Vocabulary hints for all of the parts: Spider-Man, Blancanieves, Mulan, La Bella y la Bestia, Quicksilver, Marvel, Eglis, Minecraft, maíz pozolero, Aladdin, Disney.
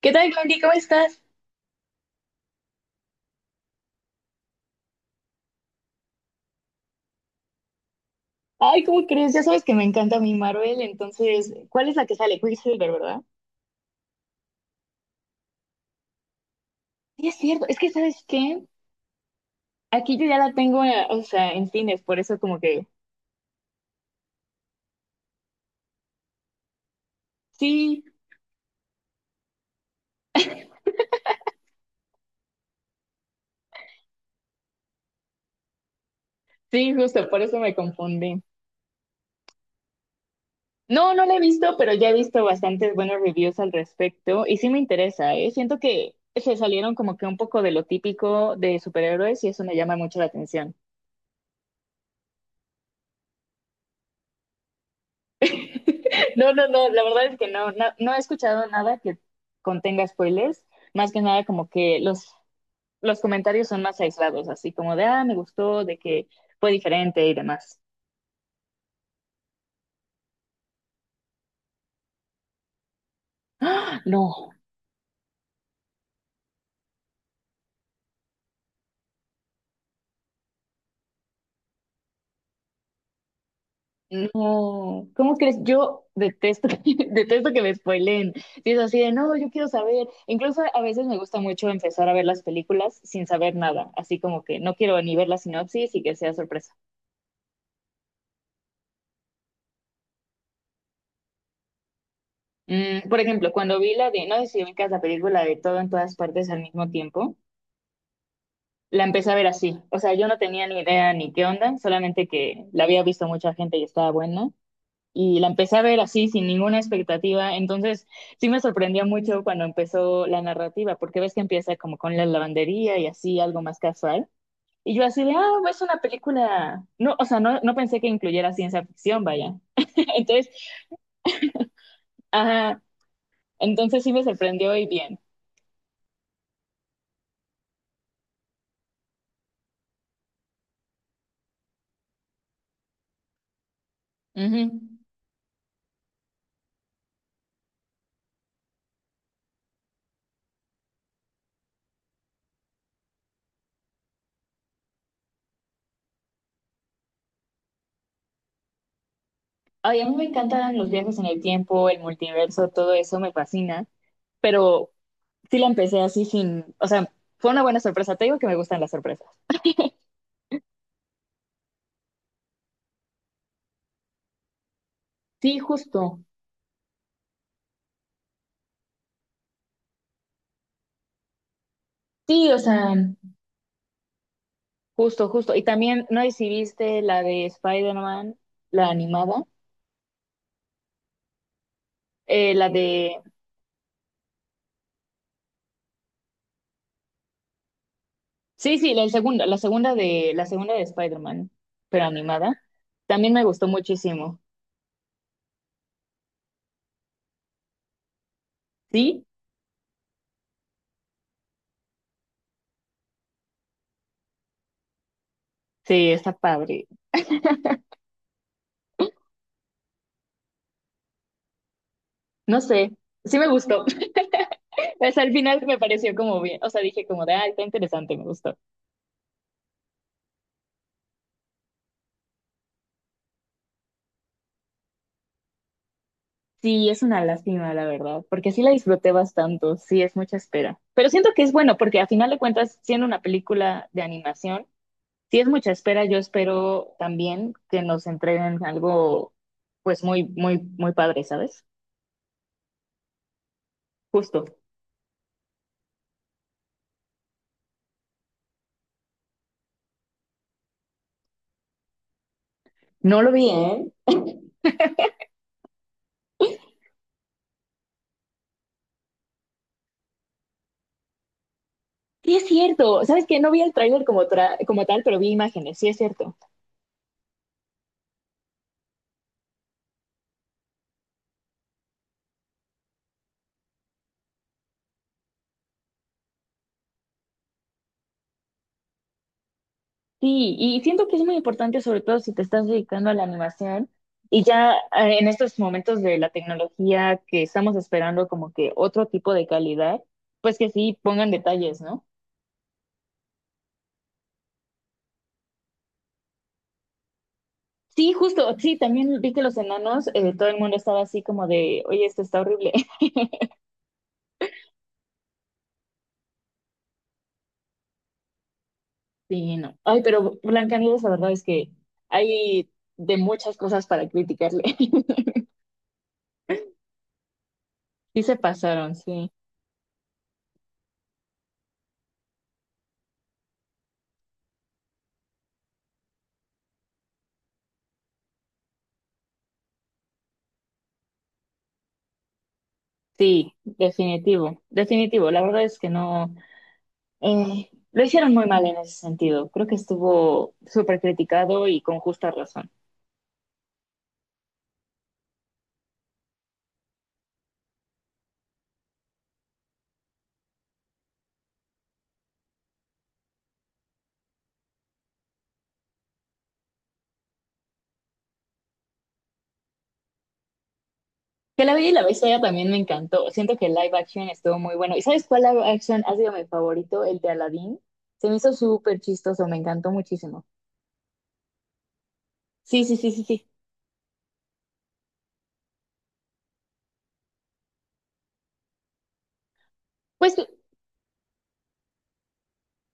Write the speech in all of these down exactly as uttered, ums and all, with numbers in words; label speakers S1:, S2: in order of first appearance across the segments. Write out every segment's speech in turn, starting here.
S1: ¿Qué tal, Glory? ¿Cómo estás? Ay, ¿cómo crees? Ya sabes que me encanta mi Marvel, entonces, ¿cuál es la que sale? Quicksilver, ¿verdad? Sí, es cierto. Es que, ¿sabes qué? Aquí yo ya la tengo, eh, o sea, en cines, por eso como que... Sí, sí, justo, por eso me confundí. No, no la he visto, pero ya he visto bastantes buenos reviews al respecto y sí me interesa, ¿eh? Siento que se salieron como que un poco de lo típico de superhéroes y eso me llama mucho la atención. No, no, no, la verdad es que no, no, no he escuchado nada que contenga spoilers, más que nada como que los, los comentarios son más aislados, así como de, ah, me gustó, de que fue diferente y demás. ¡Ah! No, no, ¿cómo crees? Yo detesto, detesto que me spoileen. Si es así de, no, yo quiero saber. Incluso a veces me gusta mucho empezar a ver las películas sin saber nada, así como que no quiero ni ver la sinopsis y que sea sorpresa. Mm, por ejemplo, cuando vi la de, no sé si ubicas la película de todo en todas partes al mismo tiempo, la empecé a ver así. O sea, yo no tenía ni idea ni qué onda, solamente que la había visto mucha gente y estaba buena. Y la empecé a ver así, sin ninguna expectativa. Entonces, sí me sorprendió mucho cuando empezó la narrativa, porque ves que empieza como con la lavandería y así, algo más casual. Y yo así de, ah, es una película. No, o sea, no, no pensé que incluyera ciencia ficción, vaya. Entonces, ajá, entonces sí me sorprendió y bien. Ujú. Ay, a mí me encantan los viajes en el tiempo, el multiverso, todo eso me fascina, pero sí la empecé así sin, o sea, fue una buena sorpresa, te digo que me gustan las sorpresas. Sí, justo, sí, o sea, justo, justo. Y también, no sé si viste la de Spider-Man, la animada, eh, la de, sí, sí, la segunda, la segunda de, la segunda de Spider-Man, pero animada, también me gustó muchísimo. Sí, sí, está padre. No sé, sí me gustó. Pues al final me pareció como bien, o sea, dije como de, ah, está interesante, me gustó. Sí, es una lástima, la verdad, porque sí la disfruté bastante, sí, es mucha espera. Pero siento que es bueno, porque a final de cuentas, siendo una película de animación, sí es mucha espera, yo espero también que nos entreguen algo, pues muy, muy, muy padre, ¿sabes? Justo. No lo vi, ¿eh? Sí, es cierto, ¿sabes qué? No vi el tráiler como, tra- como tal, pero vi imágenes, sí es cierto. Sí, y siento que es muy importante, sobre todo si te estás dedicando a la animación y ya eh, en estos momentos de la tecnología que estamos esperando como que otro tipo de calidad, pues que sí pongan detalles, ¿no? Sí, justo, sí, también vi que los enanos, eh, todo el mundo estaba así como de, oye, esto está horrible. Sí, no. Ay, pero Blancanieves, la verdad es que hay de muchas cosas para criticarle. Sí se pasaron, sí. Sí, definitivo, definitivo. La verdad es que no. Eh, lo hicieron muy mal en ese sentido. Creo que estuvo súper criticado y con justa razón. Que La Bella y la Bestia también me encantó. Siento que el live action estuvo muy bueno. ¿Y sabes cuál live action ha sido mi favorito? El de Aladdin. Se me hizo súper chistoso, me encantó muchísimo. Sí, sí, sí, sí, sí. Pues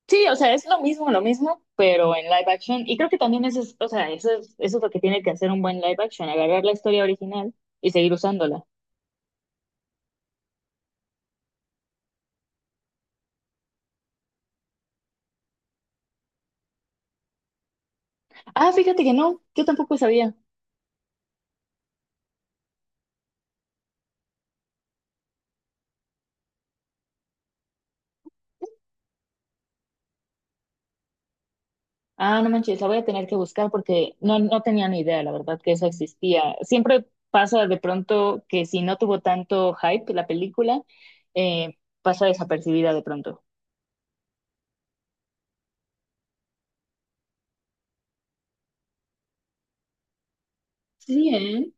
S1: sí, o sea, es lo mismo, lo mismo, pero en live action. Y creo que también eso es, o sea, eso es, eso es lo que tiene que hacer un buen live action, agarrar la historia original y seguir usándola. Ah, fíjate que no, yo tampoco sabía. Ah, no manches, la voy a tener que buscar porque no, no tenía ni idea, la verdad, que eso existía. Siempre pasa de pronto que si no tuvo tanto hype la película, eh, pasa desapercibida de pronto. Sí, ¿eh?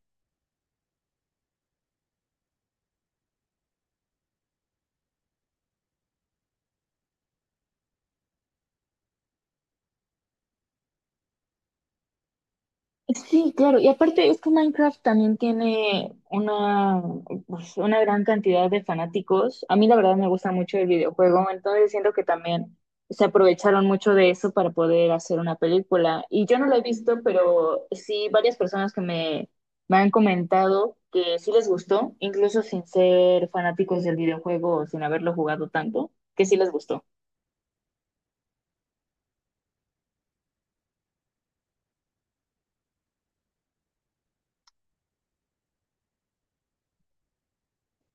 S1: Sí, claro, y aparte es que Minecraft también tiene una, pues, una gran cantidad de fanáticos. A mí la verdad me gusta mucho el videojuego, entonces siento que también se aprovecharon mucho de eso para poder hacer una película. Y yo no la he visto, pero sí varias personas que me, me han comentado que sí les gustó, incluso sin ser fanáticos del videojuego o sin haberlo jugado tanto, que sí les gustó.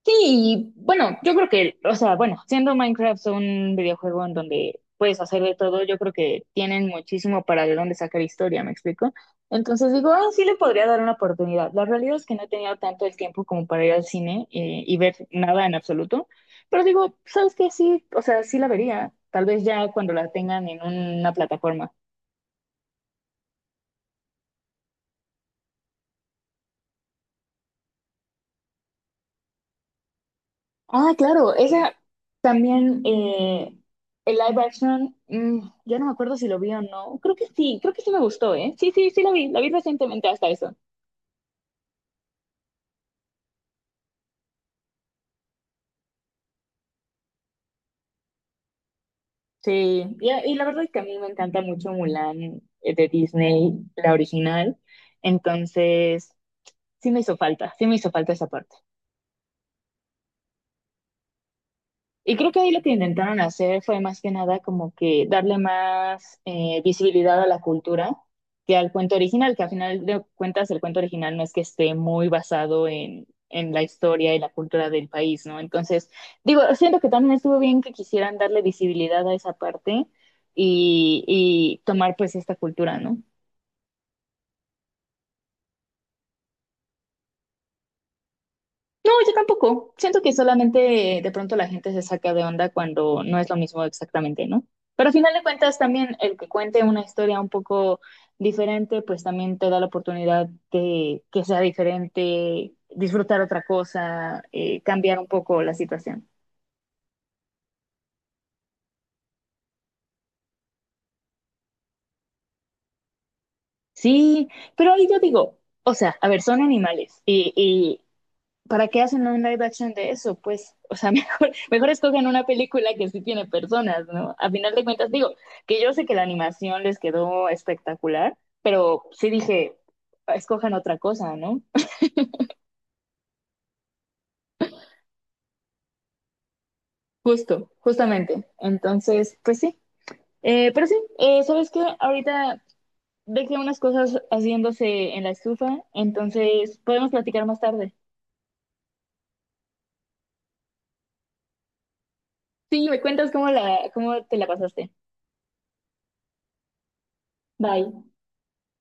S1: Sí, y bueno, yo creo que, o sea, bueno, siendo Minecraft un videojuego en donde puedes hacer de todo, yo creo que tienen muchísimo para de dónde sacar historia, ¿me explico? Entonces digo, ah, sí le podría dar una oportunidad. La realidad es que no he tenido tanto el tiempo como para ir al cine eh, y ver nada en absoluto, pero digo, ¿sabes qué? Sí, o sea, sí la vería, tal vez ya cuando la tengan en una plataforma. Ah, claro, esa también, eh, el live action, mm, ya no me acuerdo si lo vi o no. Creo que sí, creo que sí me gustó, ¿eh? Sí, sí, sí lo vi, la vi recientemente hasta eso. Sí, y, y la verdad es que a mí me encanta mucho Mulan eh, de Disney, la original. Entonces, sí me hizo falta, sí me hizo falta esa parte. Y creo que ahí lo que intentaron hacer fue más que nada como que darle más eh, visibilidad a la cultura que al cuento original, que al final de cuentas el cuento original no es que esté muy basado en, en la historia y la cultura del país, ¿no? Entonces, digo, siento que también estuvo bien que quisieran darle visibilidad a esa parte y, y tomar pues esta cultura, ¿no? No, yo tampoco. Siento que solamente de pronto la gente se saca de onda cuando no es lo mismo exactamente, ¿no? Pero al final de cuentas también el que cuente una historia un poco diferente, pues también te da la oportunidad de que sea diferente, disfrutar otra cosa, eh, cambiar un poco la situación. Sí, pero ahí yo digo, o sea, a ver, son animales y, ¿para qué hacen un live action de eso? Pues, o sea, mejor, mejor escogen una película que sí tiene personas, ¿no? A final de cuentas, digo, que yo sé que la animación les quedó espectacular, pero sí dije, escojan otra cosa, ¿no? Justo, justamente. Entonces, pues sí. Eh, pero sí, eh, ¿sabes qué? Ahorita dejé unas cosas haciéndose en la estufa, entonces podemos platicar más tarde. Sí, me cuentas cómo, la, cómo te la pasaste. Bye.